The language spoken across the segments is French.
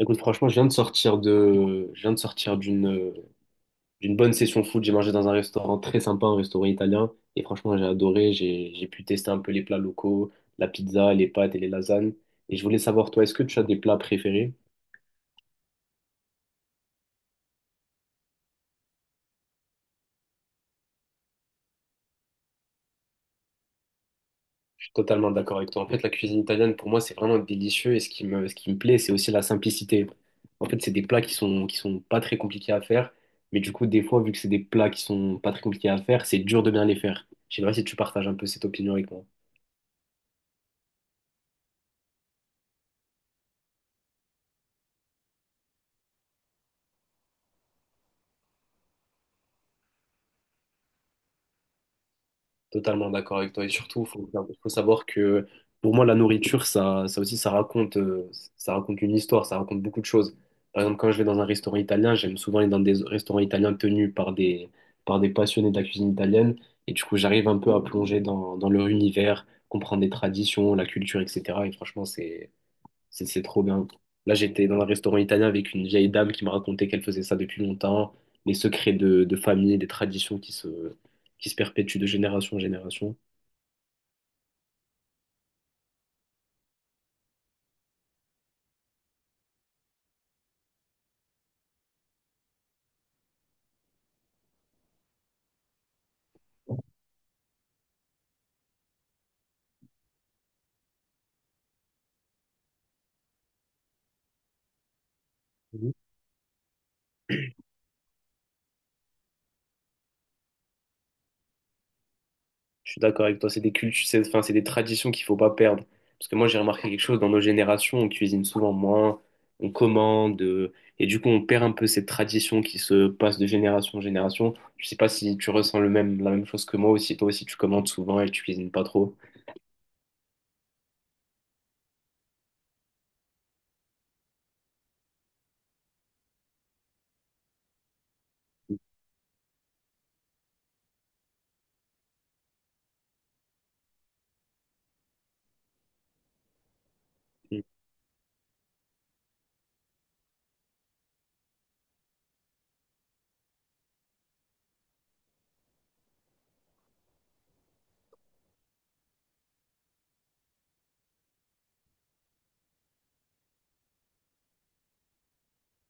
Écoute, franchement, je viens de sortir d'une bonne session foot. J'ai mangé dans un restaurant très sympa, un restaurant italien. Et franchement, j'ai adoré. J'ai pu tester un peu les plats locaux, la pizza, les pâtes et les lasagnes. Et je voulais savoir, toi, est-ce que tu as des plats préférés? Je suis totalement d'accord avec toi. En fait, la cuisine italienne, pour moi, c'est vraiment délicieux. Et ce qui me plaît, c'est aussi la simplicité. En fait, c'est des plats qui sont pas très compliqués à faire. Mais du coup, des fois, vu que c'est des plats qui sont pas très compliqués à faire, c'est dur de bien les faire. Je sais pas si tu partages un peu cette opinion avec moi. Totalement d'accord avec toi. Et surtout, il faut savoir que pour moi, la nourriture, ça aussi, ça raconte une histoire, ça raconte beaucoup de choses. Par exemple, quand je vais dans un restaurant italien, j'aime souvent aller dans des restaurants italiens tenus par des passionnés de la cuisine italienne. Et du coup, j'arrive un peu à plonger dans leur univers, comprendre les traditions, la culture, etc. Et franchement, c'est trop bien. Là, j'étais dans un restaurant italien avec une vieille dame qui me racontait qu'elle faisait ça depuis longtemps, les secrets de famille, des traditions qui se perpétuent de génération en génération. Mhm. Je suis d'accord avec toi, c'est des cultures, c'est, enfin, c'est des traditions qu'il faut pas perdre. Parce que moi, j'ai remarqué quelque chose dans nos générations, on cuisine souvent moins, on commande, et du coup, on perd un peu cette tradition qui se passe de génération en génération. Je sais pas si tu ressens le même, la même chose que moi aussi. Toi aussi, tu commandes souvent et tu cuisines pas trop.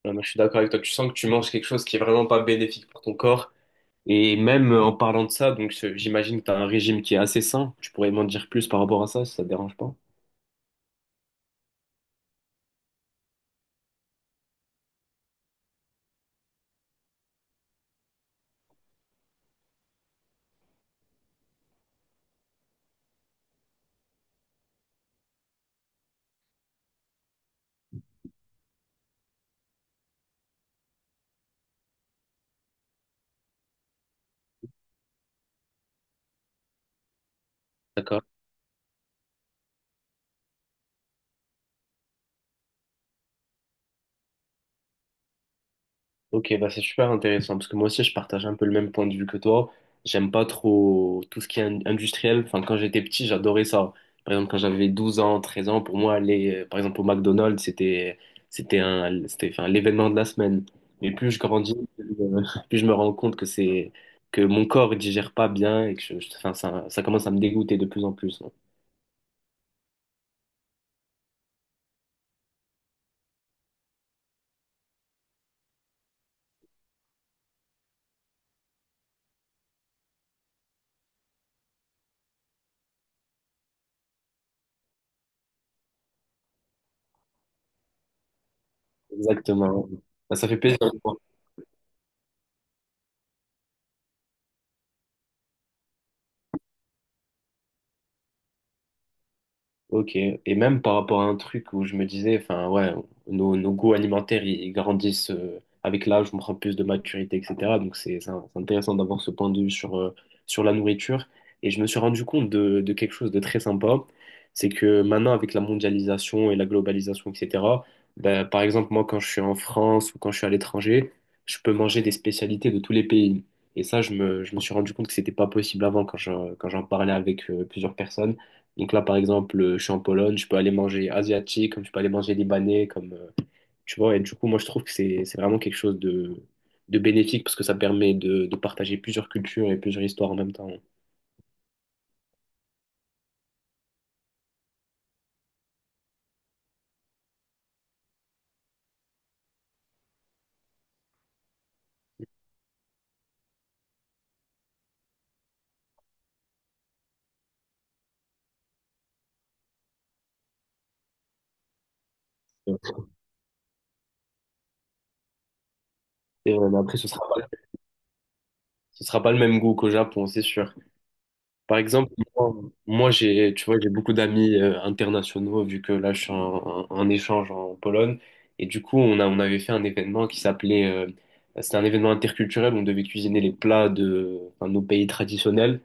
Ouais, moi, je suis d'accord avec toi. Tu sens que tu manges quelque chose qui est vraiment pas bénéfique pour ton corps. Et même en parlant de ça, donc j'imagine que tu as un régime qui est assez sain. Tu pourrais m'en dire plus par rapport à ça, si ça te dérange pas. Ok, bah c'est super intéressant parce que moi aussi je partage un peu le même point de vue que toi. J'aime pas trop tout ce qui est industriel. Enfin, quand j'étais petit, j'adorais ça. Par exemple, quand j'avais 12 ans, 13 ans, pour moi, aller par exemple au McDonald's, c'était enfin l'événement de la semaine. Mais plus je grandis, plus je me rends compte que c'est que mon corps il digère pas bien et que enfin, ça commence à me dégoûter de plus en plus. Exactement. Bah, ça fait plaisir. Ok, et même par rapport à un truc où je me disais, enfin ouais, nos goûts alimentaires, ils grandissent avec l'âge, on prend plus de maturité, etc. Donc c'est intéressant d'avoir ce point de vue sur la nourriture. Et je me suis rendu compte de quelque chose de très sympa, c'est que maintenant avec la mondialisation et la globalisation, etc., ben, par exemple moi quand je suis en France ou quand je suis à l'étranger, je peux manger des spécialités de tous les pays. Et ça, je me suis rendu compte que c'était pas possible avant quand quand j'en parlais avec plusieurs personnes. Donc là, par exemple, je suis en Pologne, je peux aller manger asiatique, comme je peux aller manger libanais, comme, tu vois. Et du coup, moi, je trouve que c'est vraiment quelque chose de bénéfique parce que ça permet de partager plusieurs cultures et plusieurs histoires en même temps. Et, mais après, ce sera pas le même goût qu'au Japon, c'est sûr. Par exemple, moi, j'ai, tu vois, j'ai beaucoup d'amis internationaux vu que là, je suis en échange en Pologne. Et du coup, on avait fait un événement qui s'appelait, c'était un événement interculturel. On devait cuisiner les plats de, enfin, nos pays traditionnels.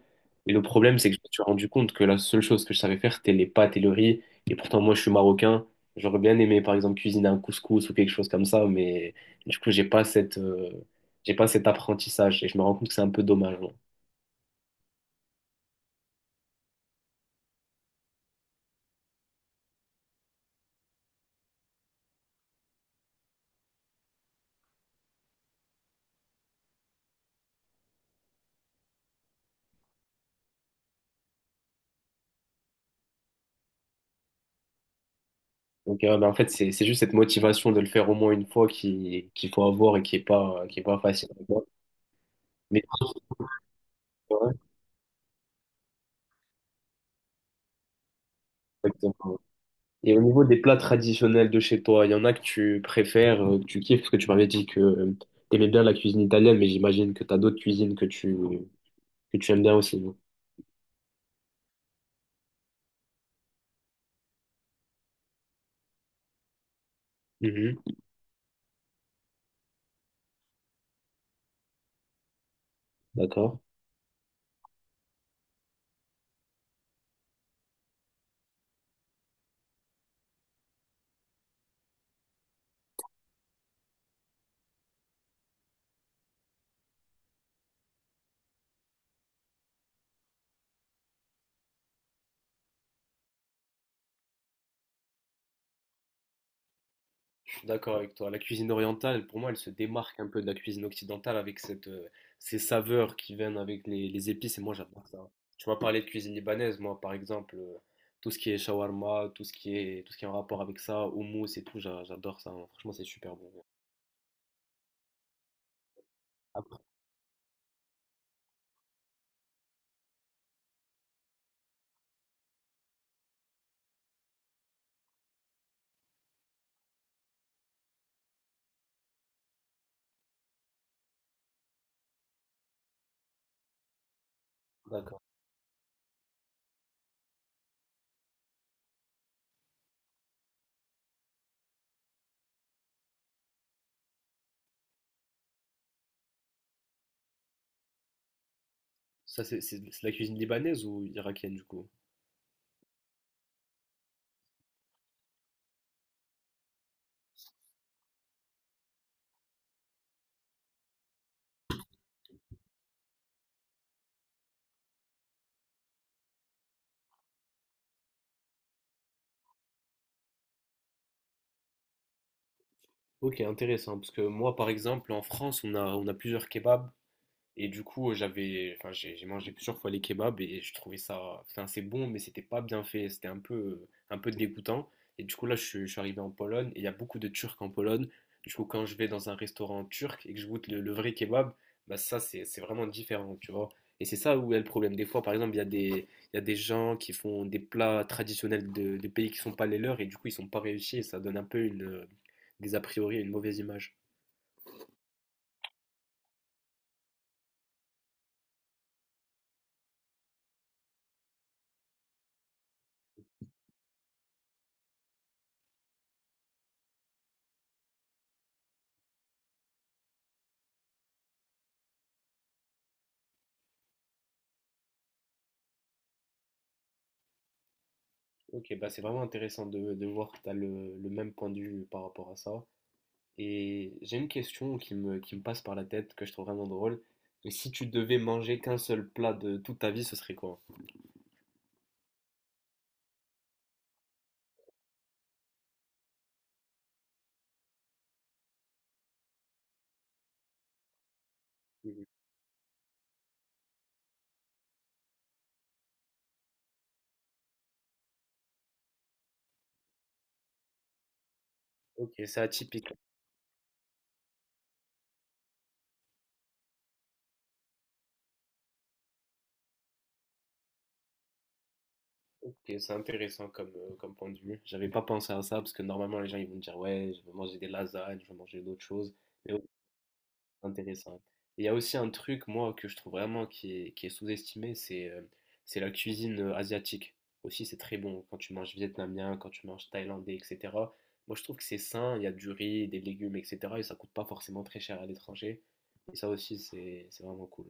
Et le problème, c'est que je me suis rendu compte que la seule chose que je savais faire, c'était les pâtes et le riz. Et pourtant, moi, je suis marocain. J'aurais bien aimé, par exemple, cuisiner un couscous ou quelque chose comme ça. Mais du coup, j'ai pas cet apprentissage. Et je me rends compte que c'est un peu dommage. Donc, bah, en fait, c'est juste cette motivation de le faire au moins une fois qu'il faut avoir et qui est pas facile à avoir. Mais, ouais, exactement. Et au niveau des plats traditionnels de chez toi, il y en a que tu préfères, que tu kiffes, parce que tu m'avais dit que tu aimais bien la cuisine italienne, mais j'imagine que tu as d'autres cuisines que tu, aimes bien aussi, non? Mhm. D'accord. D'accord avec toi. La cuisine orientale, pour moi, elle se démarque un peu de la cuisine occidentale avec ces saveurs qui viennent avec les épices. Et moi, j'adore ça. Tu m'as parlé de cuisine libanaise. Moi, par exemple, tout ce qui est shawarma, tout ce qui est en rapport avec ça, houmous et tout, j'adore ça, hein. Franchement, c'est super bon. Après. D'accord. Ça, c'est la cuisine libanaise ou irakienne, du coup? Ok, intéressant. Parce que moi, par exemple, en France, on a plusieurs kebabs. Et du coup, enfin, j'ai mangé plusieurs fois les kebabs et je trouvais ça, enfin, c'est bon, mais c'était pas bien fait, c'était un peu dégoûtant. Et du coup, là, je suis arrivé en Pologne et il y a beaucoup de Turcs en Pologne. Du coup, quand je vais dans un restaurant turc et que je goûte le vrai kebab, bah ça, c'est vraiment différent, tu vois. Et c'est ça où est le problème. Des fois, par exemple, il y a des gens qui font des plats traditionnels de pays qui sont pas les leurs et du coup, ils sont pas réussis et ça donne un peu des a priori, une mauvaise image. Ok, bah c'est vraiment intéressant de voir que tu as le même point de vue par rapport à ça. Et j'ai une question qui me passe par la tête, que je trouve vraiment drôle. Mais si tu devais manger qu'un seul plat de toute ta vie, ce serait quoi? Mhm. Ok, c'est atypique. Ok, c'est intéressant comme point de vue. J'avais pas pensé à ça parce que normalement les gens ils vont me dire ouais, je veux manger des lasagnes, je veux manger d'autres choses. Mais intéressant. Et il y a aussi un truc, moi, que je trouve vraiment qui est sous-estimé, c'est la cuisine asiatique. Aussi, c'est très bon quand tu manges vietnamien, quand tu manges thaïlandais, etc. Moi, je trouve que c'est sain, il y a du riz, des légumes, etc. Et ça coûte pas forcément très cher à l'étranger. Et ça aussi, c'est vraiment cool.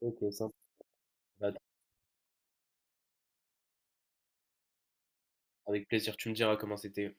Ok, ça. Bah, avec plaisir, tu me diras comment c'était.